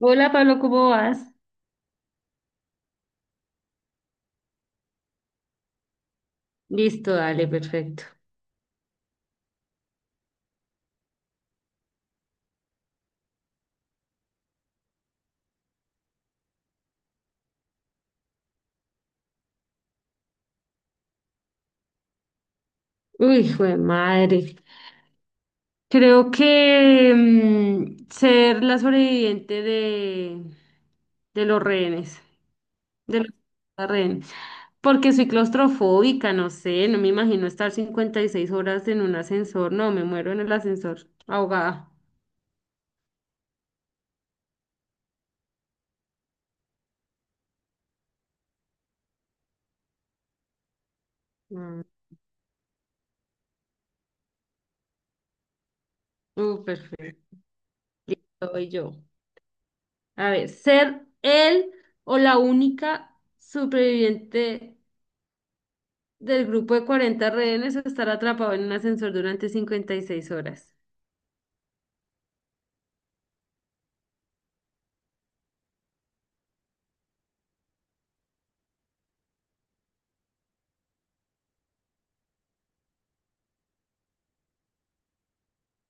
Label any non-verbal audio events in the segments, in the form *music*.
Hola Pablo, ¿cómo vas? Listo, dale, perfecto. Uy, hijo de madre. Creo que ser la sobreviviente de los rehenes, de los rehenes, porque soy claustrofóbica, no sé, no me imagino estar 56 horas en un ascensor, no, me muero en el ascensor, ahogada. Mm, perfecto. Soy yo. A ver, ser él o la única superviviente del grupo de 40 rehenes a estar atrapado en un ascensor durante 56 horas.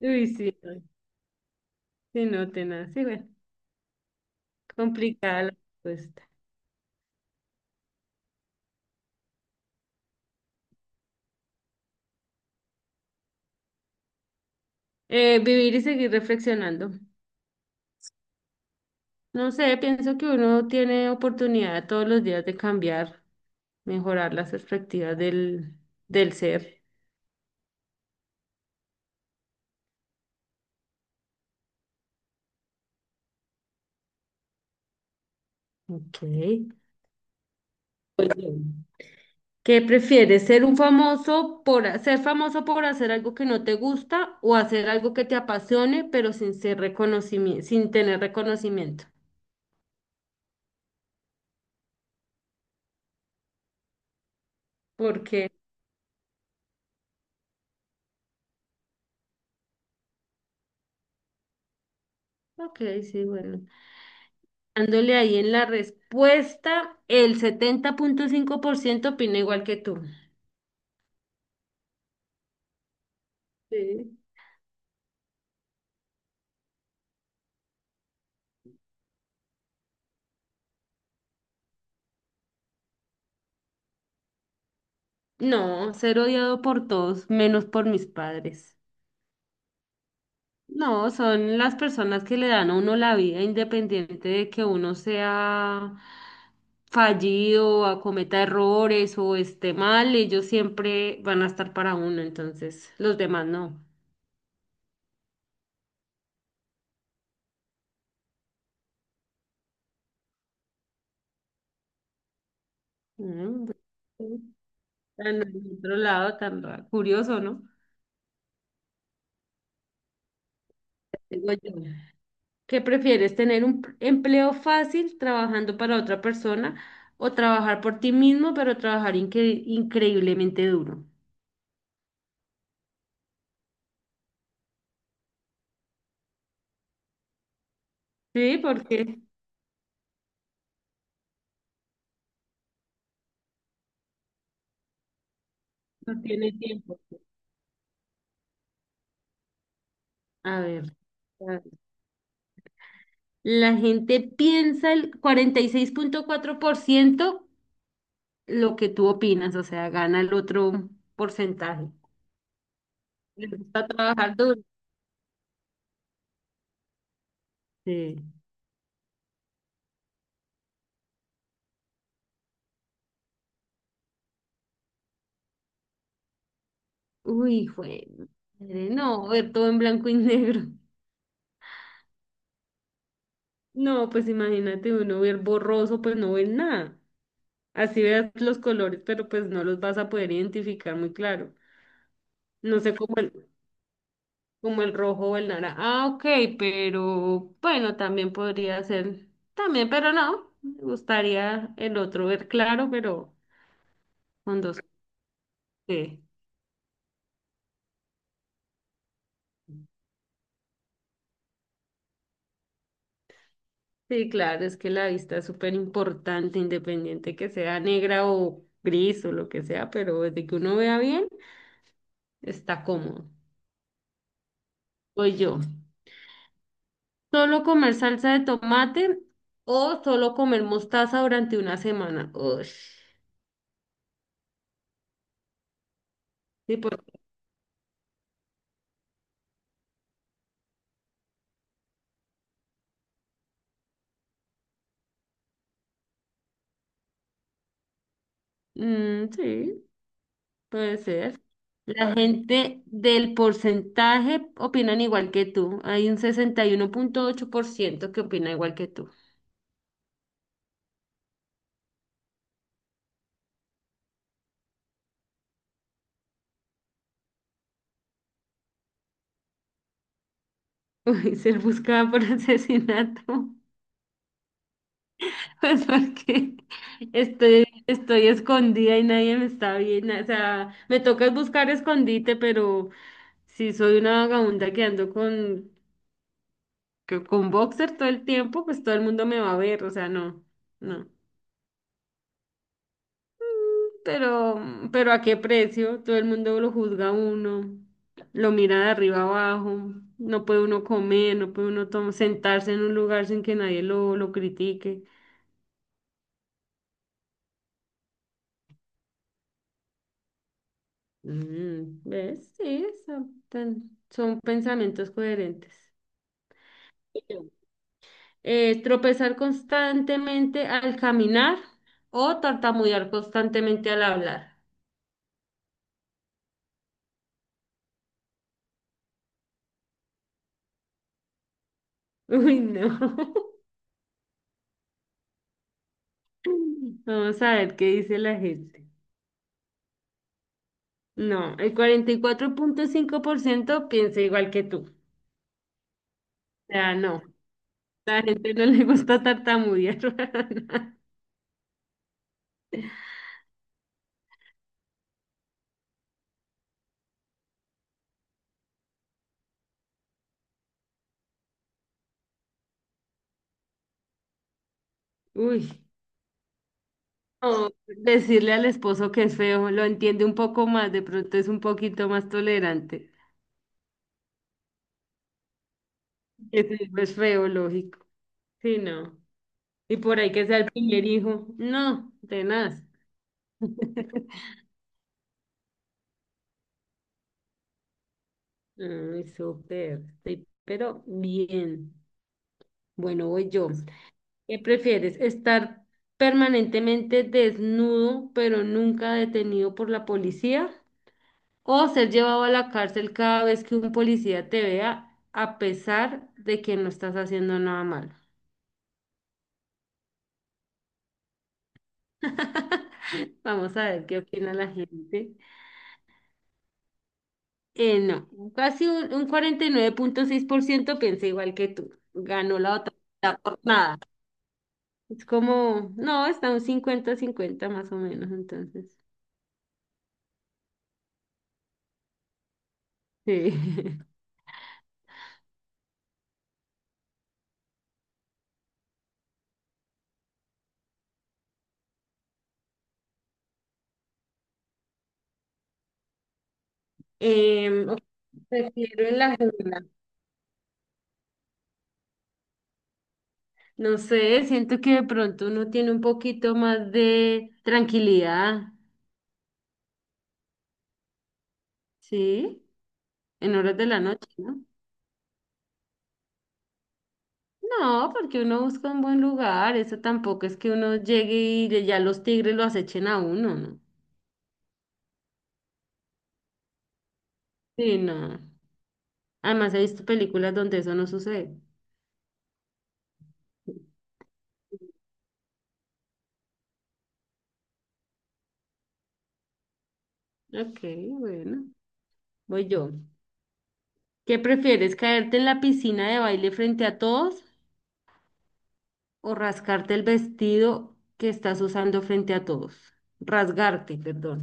Uy, sí, no, sí, no, tenaz. Sí, bueno, complicada la respuesta. Vivir y seguir reflexionando. No sé, pienso que uno tiene oportunidad todos los días de cambiar, mejorar las perspectivas del ser. Ok. Pues, bien. ¿Qué prefieres? ¿Ser famoso por hacer algo que no te gusta o hacer algo que te apasione pero sin ser reconocimiento, sin tener reconocimiento? Porque, ok, sí, bueno. Dándole ahí en la respuesta, el 70,5% opina igual que tú. Sí. No, ser odiado por todos, menos por mis padres. No, son las personas que le dan a uno la vida, independiente de que uno sea fallido, acometa errores o esté mal, ellos siempre van a estar para uno, entonces los demás no. Mm, Tan del otro lado, tan curioso, ¿no? Digo yo. ¿Qué prefieres, tener empleo fácil trabajando para otra persona o trabajar por ti mismo, pero trabajar increíblemente duro? Sí, porque no tiene tiempo. A ver, a- la gente piensa el 46,4%, lo que tú opinas, o sea, gana el otro porcentaje. Les gusta trabajar duro. Sí. Uy, fue. No, ver todo en blanco y *laughs* negro. No, pues imagínate uno ver borroso, pues no ver nada. Así veas los colores, pero pues no los vas a poder identificar muy claro. No sé cómo, como el rojo o el naranja. Ah, ok, pero bueno, también podría ser, también, pero no, me gustaría el otro ver claro, pero con dos. Sí, sí, claro, es que la vista es súper importante, independiente que sea negra o gris o lo que sea, pero desde que uno vea bien, está cómodo. Voy yo. ¿Solo comer salsa de tomate o solo comer mostaza durante una semana? Ush. Sí. Mm, sí, puede ser. La gente del porcentaje opinan igual que tú. Hay un 61,8% que opina igual que tú. *laughs* Uy, ser buscada por asesinato. *laughs* Pues porque estoy escondida y nadie me está viendo. O sea, me toca buscar escondite, pero si soy una vagabunda que ando con boxer todo el tiempo, pues todo el mundo me va a ver. O sea, no, no. Pero, pero ¿a qué precio? Todo el mundo lo juzga a uno, lo mira de arriba abajo, no puede uno comer, no puede uno sentarse en un lugar sin que nadie lo critique. ¿Ves? Sí, son pensamientos coherentes. Tropezar constantemente al caminar o tartamudear constantemente al hablar. Uy, no. *laughs* Vamos a ver qué dice la gente. No, el 44,5% piensa igual que tú. O sea, no, la gente no le gusta tartamudear. *laughs* Uy, no, decirle al esposo que es feo, lo entiende un poco más, de pronto es un poquito más tolerante. Que su es feo, lógico. Sí, no. Y por ahí que sea el primer hijo. No, tenaz. *laughs* Ay, súper. Sí, pero bien. Bueno, voy yo. ¿Qué prefieres? ¿Estar permanentemente desnudo pero nunca detenido por la policía? ¿O ser llevado a la cárcel cada vez que un policía te vea a pesar de que no estás haciendo nada malo? *laughs* Vamos a ver qué opina la gente. No, casi un 49,6% piensa igual que tú. Ganó la otra mitad por nada. Es como, no, está un 50 cincuenta más o menos, entonces. Sí. *laughs* Ok, prefiero en la jungla. No sé, siento que de pronto uno tiene un poquito más de tranquilidad, ¿sí? En horas de la noche, ¿no? No, porque uno busca un buen lugar, eso tampoco es que uno llegue y ya los tigres lo acechen a uno, ¿no? Sí, no. Además he visto películas donde eso no sucede. Ok, bueno, voy yo. ¿Qué prefieres, caerte en la piscina de baile frente a todos o rascarte el vestido que estás usando frente a todos? Rasgarte, perdón.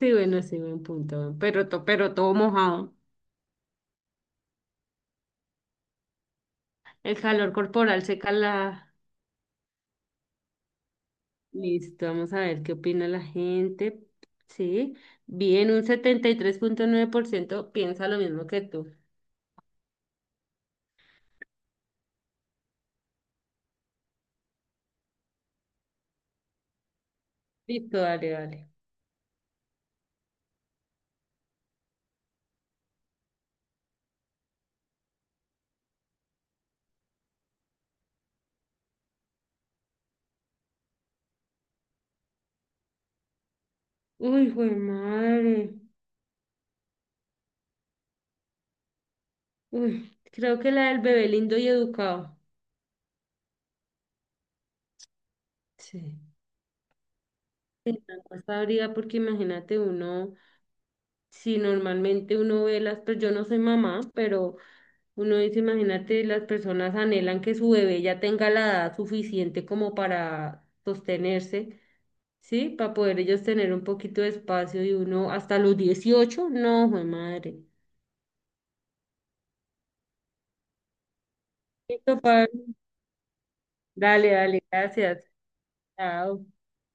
Sí, bueno, sí, buen punto. Pero todo mojado. El calor corporal seca la. Listo, vamos a ver qué opina la gente. Sí, bien, un 73,9% piensa lo mismo que tú. Listo, dale, dale. Uy, güey, madre. Uy, creo que la del bebé lindo y educado. Sí. Sí, la encuesta habría porque imagínate uno. Si normalmente uno ve las, pues yo no soy mamá, pero uno dice, imagínate, las personas anhelan que su bebé ya tenga la edad suficiente como para sostenerse, ¿sí? Para poder ellos tener un poquito de espacio y uno hasta los 18 no, jue madre. Listo, Pablo. Dale, dale, gracias. Chao.